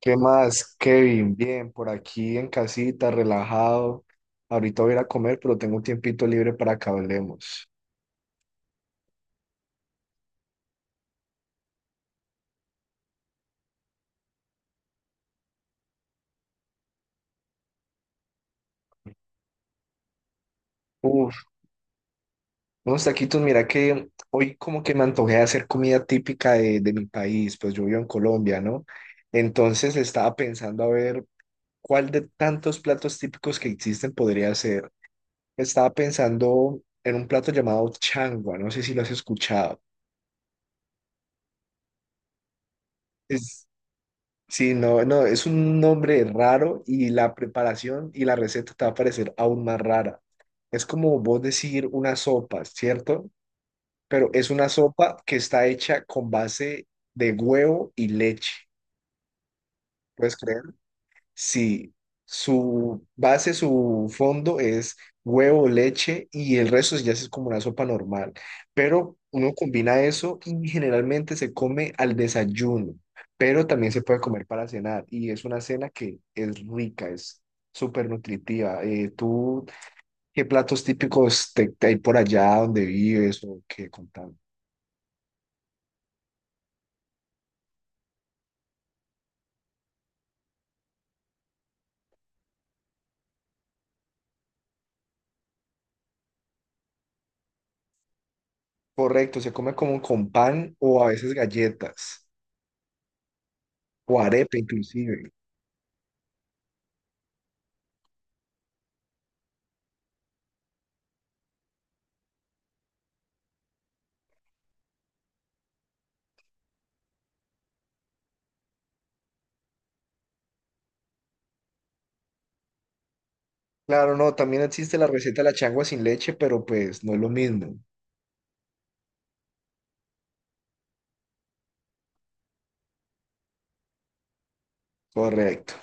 ¿Qué más, Kevin? Bien, por aquí en casita, relajado. Ahorita voy a ir a comer, pero tengo un tiempito libre para que hablemos. Uf, unos taquitos, mira que hoy como que me antojé de hacer comida típica de mi país, pues yo vivo en Colombia, ¿no? Entonces estaba pensando a ver cuál de tantos platos típicos que existen podría ser. Estaba pensando en un plato llamado changua, no sé si lo has escuchado. Sí, no, no, es un nombre raro y la preparación y la receta te va a parecer aún más rara. Es como vos decir una sopa, ¿cierto? Pero es una sopa que está hecha con base de huevo y leche. ¿Puedes creer? Sí, su base, su fondo es huevo, leche y el resto ya es como una sopa normal. Pero uno combina eso y generalmente se come al desayuno, pero también se puede comer para cenar y es una cena que es rica, es súper nutritiva. ¿Tú qué platos típicos te hay por allá donde vives o qué contando? Correcto, se come como con pan o a veces galletas o arepa inclusive. Claro, no, también existe la receta de la changua sin leche, pero pues no es lo mismo. Correcto.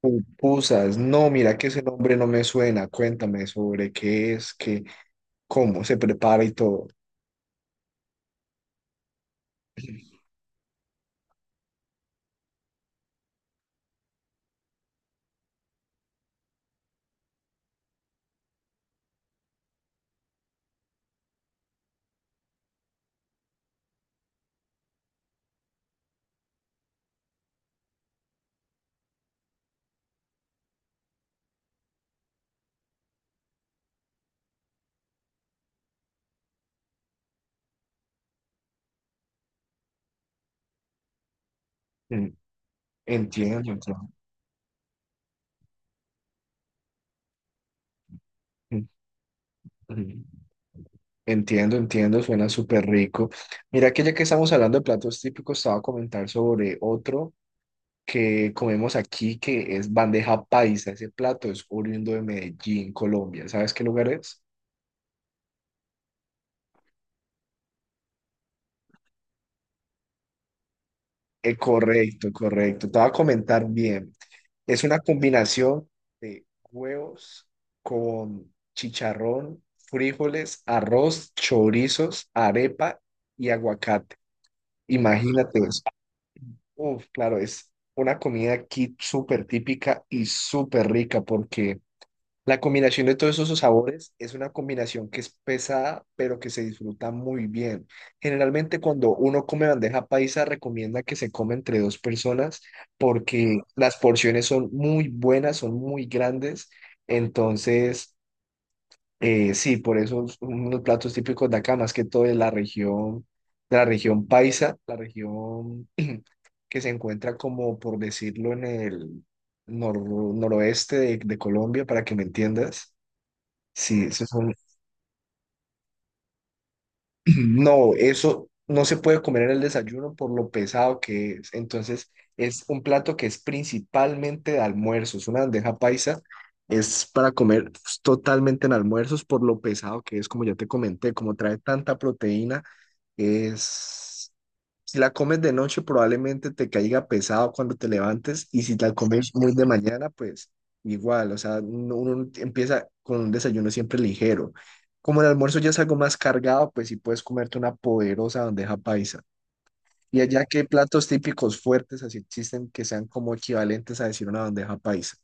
Pupusas, no, mira que ese nombre no me suena. Cuéntame sobre qué es, qué, cómo se prepara y todo. Mm. Entiendo, entiendo. Mm, mm. Entiendo, entiendo, suena súper rico. Mira que ya que estamos hablando de platos típicos, estaba a comentar sobre otro que comemos aquí, que es bandeja paisa. Ese plato es oriundo de Medellín, Colombia. ¿Sabes qué lugar es? Correcto, correcto. Te voy a comentar bien. Es una combinación de huevos con chicharrón, frijoles, arroz, chorizos, arepa y aguacate. Imagínate eso. Uf, claro, es una comida aquí súper típica y súper rica porque la combinación de todos esos sabores es una combinación que es pesada, pero que se disfruta muy bien. Generalmente cuando uno come bandeja paisa, recomienda que se come entre dos personas porque las porciones son muy buenas, son muy grandes. Entonces, sí, por eso es uno de los platos típicos de acá, más que todo de la región paisa, la región que se encuentra como, por decirlo, en el nor- noroeste de Colombia, para que me entiendas. Sí, eso es un- No, eso no se puede comer en el desayuno por lo pesado que es. Entonces, es un plato que es principalmente de almuerzo. Es una bandeja paisa. Es para comer pues, totalmente en almuerzos por lo pesado que es, como ya te comenté, como trae tanta proteína, es... Si la comes de noche, probablemente te caiga pesado cuando te levantes y si la comes muy de mañana, pues igual, o sea, uno empieza con un desayuno siempre ligero. Como el almuerzo ya es algo más cargado, pues sí puedes comerte una poderosa bandeja paisa. Y allá, ¿qué platos típicos fuertes así existen que sean como equivalentes a decir una bandeja paisa?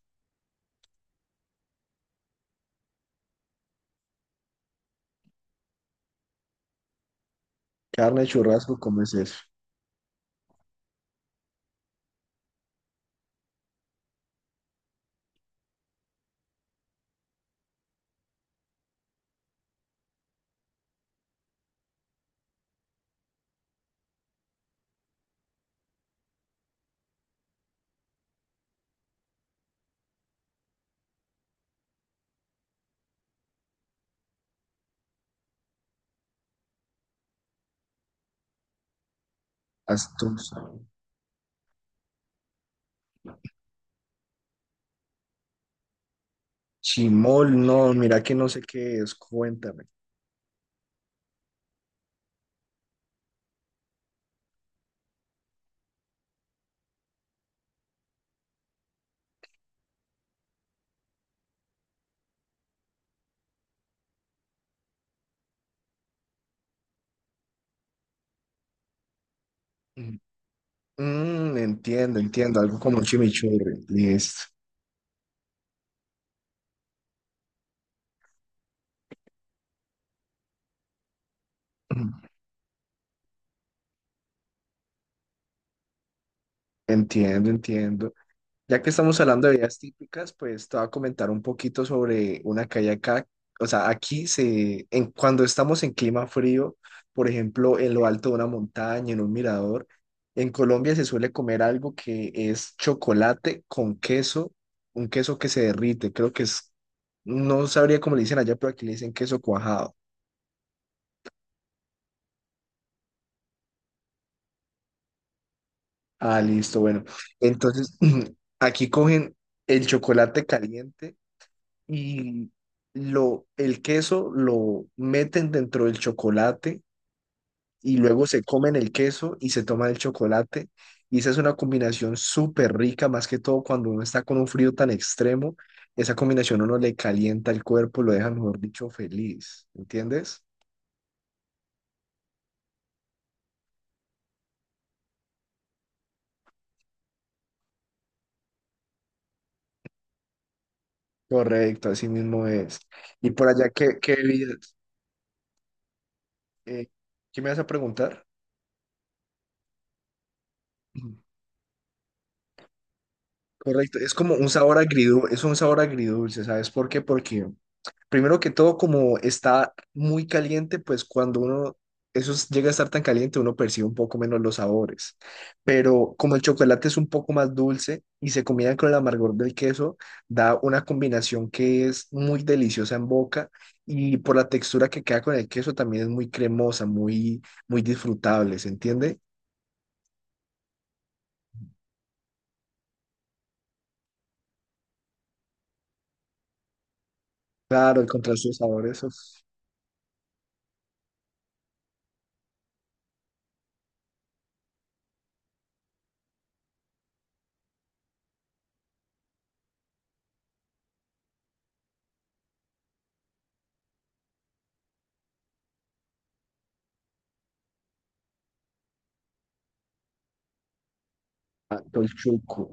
Carne, churrasco, ¿cómo es eso? Astus. Chimol, no, mira que no sé qué es, cuéntame. Mm, mm, entiendo, entiendo, algo como un chimichurri, listo. Mm. Entiendo, entiendo. Ya que estamos hablando de bebidas típicas, pues te voy a comentar un poquito sobre una que hay acá. O sea, aquí se, en, cuando estamos en clima frío, por ejemplo, en lo alto de una montaña, en un mirador, en Colombia se suele comer algo que es chocolate con queso, un queso que se derrite. Creo que es, no sabría cómo le dicen allá, pero aquí le dicen queso cuajado. Ah, listo, bueno. Entonces, aquí cogen el chocolate caliente y lo, el queso lo meten dentro del chocolate y luego se comen el queso y se toma el chocolate. Y esa es una combinación súper rica, más que todo cuando uno está con un frío tan extremo, esa combinación a uno le calienta el cuerpo, lo deja, mejor dicho, feliz, ¿entiendes? Correcto, así mismo es. Y por allá, ¿qué, qué bebidas? Eh, ¿Qué me vas a preguntar? Correcto, es como un sabor agridulce, es un sabor agridulce, ¿sabes por qué? Porque primero que todo, como está muy caliente, pues cuando uno, eso es- llega a estar tan caliente, uno percibe un poco menos los sabores. Pero como el chocolate es un poco más dulce y se combina con el amargor del queso, da una combinación que es muy deliciosa en boca y por la textura que queda con el queso también es muy cremosa, muy, muy disfrutable, ¿se entiende? Claro, el contraste de sabores, uf, tanto el chuco,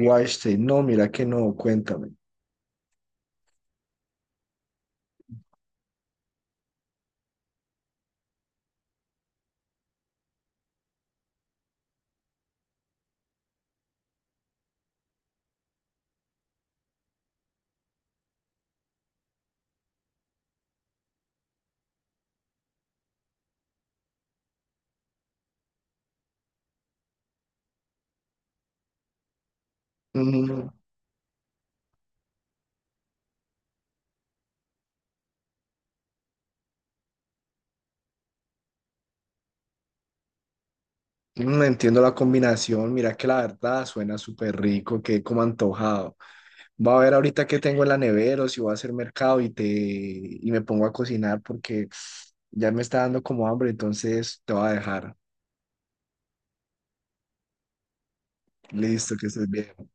guache, no, mira que no, cuéntame. Mm, entiendo la combinación, mira que la verdad suena súper rico, que como antojado. Voy a ver ahorita qué tengo en la nevera o si voy a hacer mercado y te y me pongo a cocinar porque ya me está dando como hambre, entonces te voy a dejar. Listo, que estés bien.